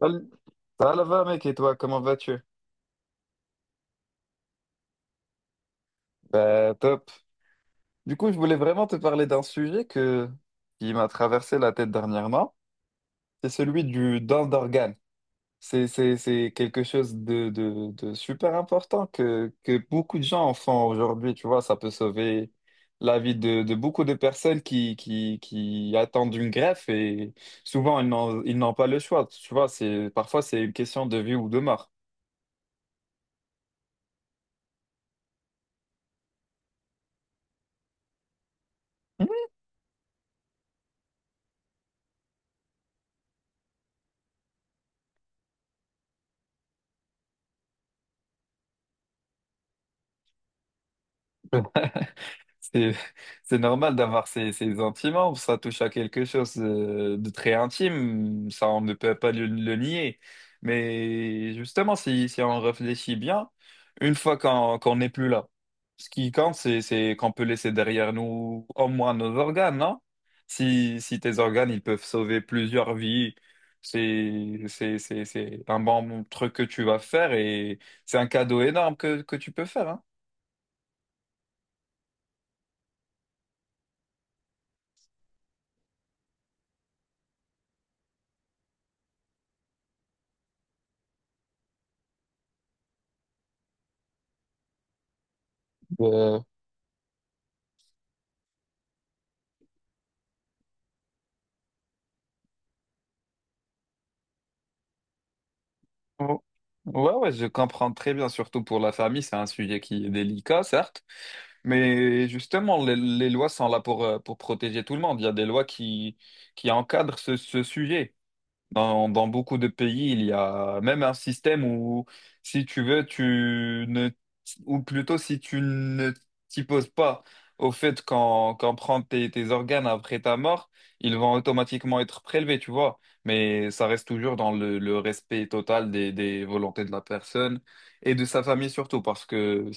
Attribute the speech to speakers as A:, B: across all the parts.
A: Salut. Ça va là-bas, mec, et toi, comment vas-tu? Top. Je voulais vraiment te parler d'un qui m'a traversé la tête dernièrement. C'est celui du don d'organes. C'est quelque chose de super important que beaucoup de gens en font aujourd'hui. Tu vois, ça peut sauver la vie de beaucoup de personnes qui attendent une greffe et souvent, ils n'ont pas le choix. Tu vois, c'est, parfois, c'est une question de vie ou de mort. Mhm. C'est, c'est normal d'avoir ces sentiments, ça touche à quelque chose de très intime, ça on ne peut pas le nier. Mais justement, si on réfléchit bien, une fois qu'on n'est plus là, ce qui compte, c'est qu'on peut laisser derrière nous au moins nos organes, non? Si tes organes, ils peuvent sauver plusieurs vies, c'est un bon truc que tu vas faire et c'est un cadeau énorme que tu peux faire, hein. Oh. Ouais, ouais, je comprends très bien, surtout pour la famille, c'est un sujet qui est délicat, certes, mais justement, les lois sont là pour protéger tout le monde. Il y a des lois qui encadrent ce sujet. Dans beaucoup de pays, il y a même un système où, si tu veux, tu ne, ou plutôt si tu ne t'y poses pas au fait qu'en prend tes organes après ta mort, ils vont automatiquement être prélevés, tu vois. Mais ça reste toujours dans le respect total des volontés de la personne et de sa famille surtout, parce que,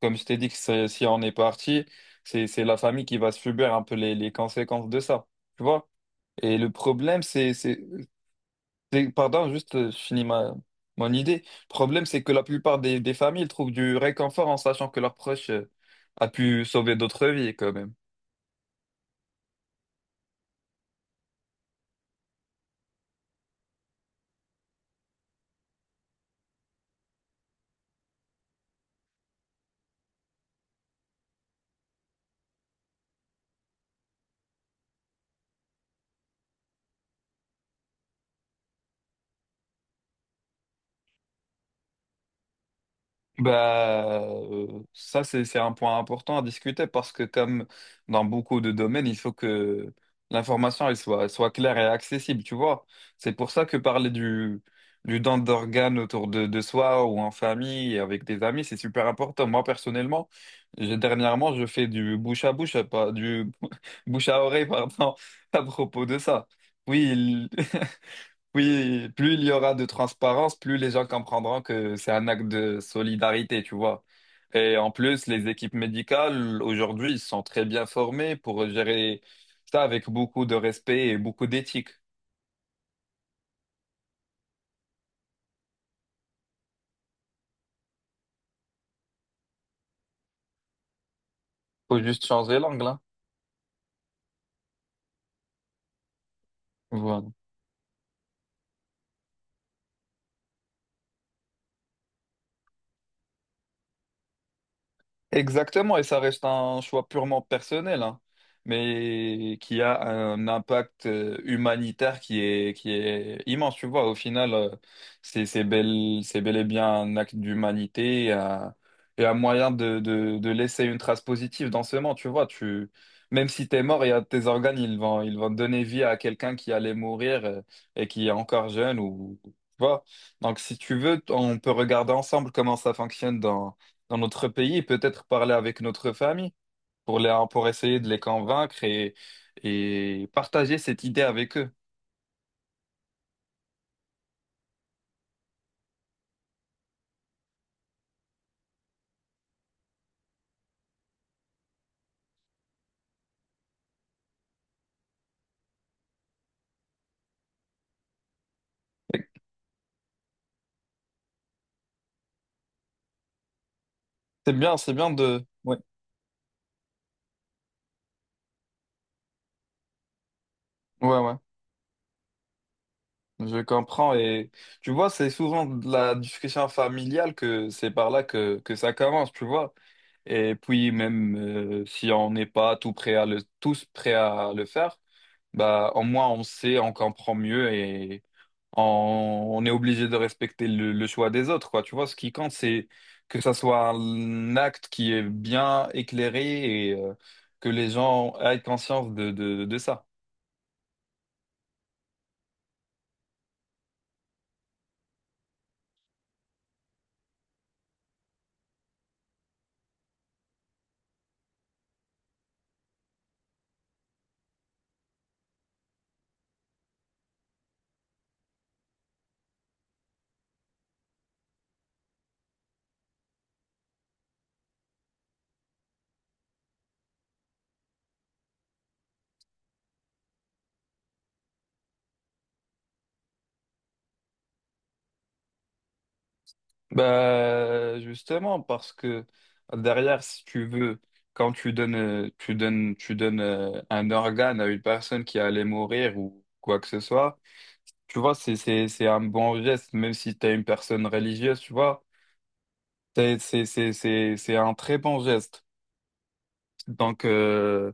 A: comme je t'ai dit, si on est parti, c'est la famille qui va subir un peu les conséquences de ça, tu vois. Et le problème, Pardon, juste, je finis mon idée. Le problème, c'est que la plupart des familles trouvent du réconfort en sachant que leur proche a pu sauver d'autres vies quand même. Bah, ça, c'est un point important à discuter parce que comme dans beaucoup de domaines, il faut que l'information, elle soit claire et accessible, tu vois. C'est pour ça que parler du don d'organes autour de soi ou en famille et avec des amis, c'est super important. Moi, personnellement, dernièrement, je fais du bouche à bouche, pas du bouche à oreille, pardon, à propos de ça. Oui, il- Oui, plus il y aura de transparence, plus les gens comprendront que c'est un acte de solidarité, tu vois. Et en plus, les équipes médicales, aujourd'hui, ils sont très bien formés pour gérer ça avec beaucoup de respect et beaucoup d'éthique. Faut juste changer l'angle, hein. Voilà. Exactement, et ça reste un choix purement personnel, hein, mais qui a un impact humanitaire qui est immense, tu vois. Au final, c'est bel et bien un acte d'humanité et et un moyen de laisser une trace positive dans ce monde, tu vois. Même si t'es mort, il y a tes organes, ils vont donner vie à quelqu'un qui allait mourir et qui est encore jeune ou, tu vois. Donc, si tu veux, on peut regarder ensemble comment ça fonctionne dans notre pays et peut-être parler avec notre famille pour pour essayer de les convaincre et partager cette idée avec eux. C'est bien, Ouais, ouais, ouais. Je comprends et tu vois, c'est souvent de la discussion familiale que c'est par là que ça commence, tu vois. Et puis même si on n'est pas tout prêt à le, tous prêts à le faire, bah au moins on sait, on comprend mieux en- on est obligé de respecter le choix des autres, quoi. Tu vois, ce qui compte, c'est que ça soit un acte qui est bien éclairé et que les gens aient conscience de ça. Bah, justement, parce que derrière, si tu veux, quand tu donnes un organe à une personne qui allait mourir ou quoi que ce soit, tu vois, c'est un bon geste, même si tu es une personne religieuse, tu vois. C'est un très bon geste. Donc,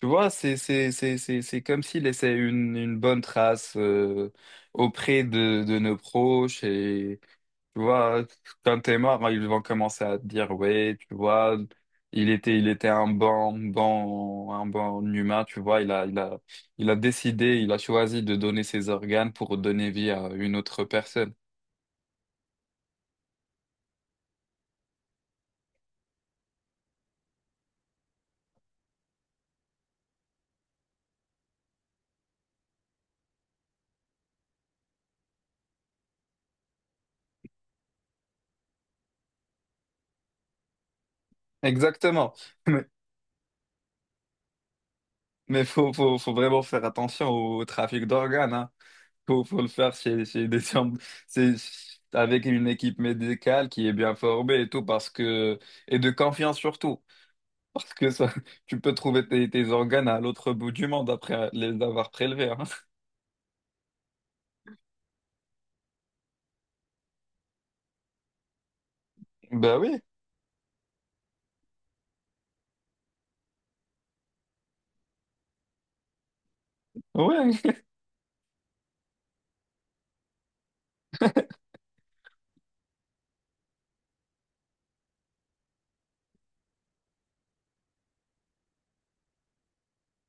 A: tu vois, c'est comme s'il laissait une bonne trace auprès de nos proches et tu vois, quand t'es mort, ils vont commencer à te dire ouais, tu vois, il était un bon humain, tu vois, il a décidé, il a choisi de donner ses organes pour donner vie à une autre personne. Exactement. Mais mais faut vraiment faire attention au trafic d'organes, hein. Faut le faire c'est avec une équipe médicale qui est bien formée et tout parce que et de confiance surtout parce que ça tu peux trouver tes organes à l'autre bout du monde après les avoir prélevés, hein. Ben oui, oui.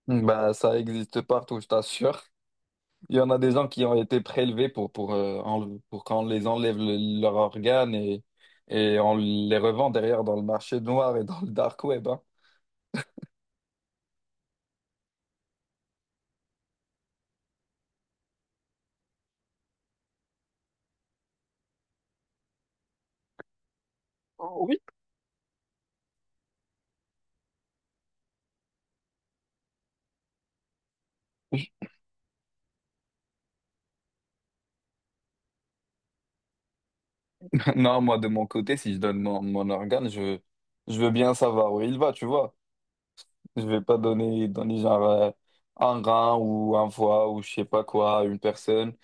A: Bah ça existe partout, je t'assure. Il y en a des gens qui ont été prélevés pour qu'on les enlève leurs organes et on les revend derrière dans le marché noir et dans le dark web, hein. Oh, oui. Non, moi, de mon côté, si je donne mon organe, je veux bien savoir où il va, tu vois. Je vais pas donner genre un rein ou un foie ou je sais pas quoi à une personne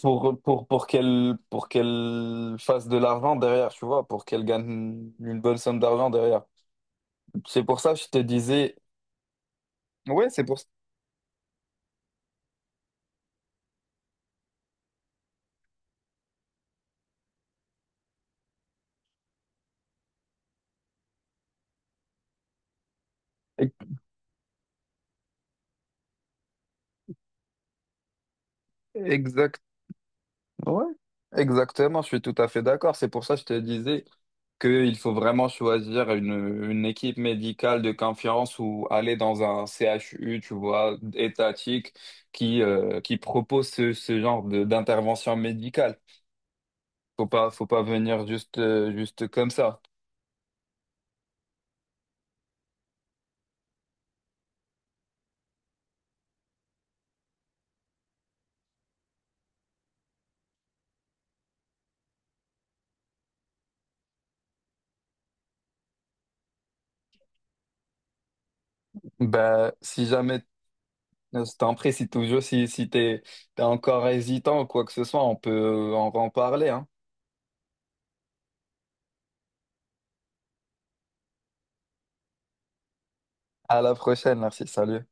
A: pour qu'elle fasse de l'argent derrière, tu vois, pour qu'elle gagne une bonne somme d'argent derrière. C'est pour ça que je te disais, ouais, c'est pour ça. Exact, ouais, exactement, je suis tout à fait d'accord. C'est pour ça que je te disais qu'il faut vraiment choisir une équipe médicale de confiance ou aller dans un CHU, tu vois, étatique, qui propose d'intervention médicale. Faut pas venir juste, juste comme ça. Bah, si jamais, je t'en prie, si toujours, si t'es encore hésitant ou quoi que ce soit, on peut en parler, hein. À la prochaine, merci, salut.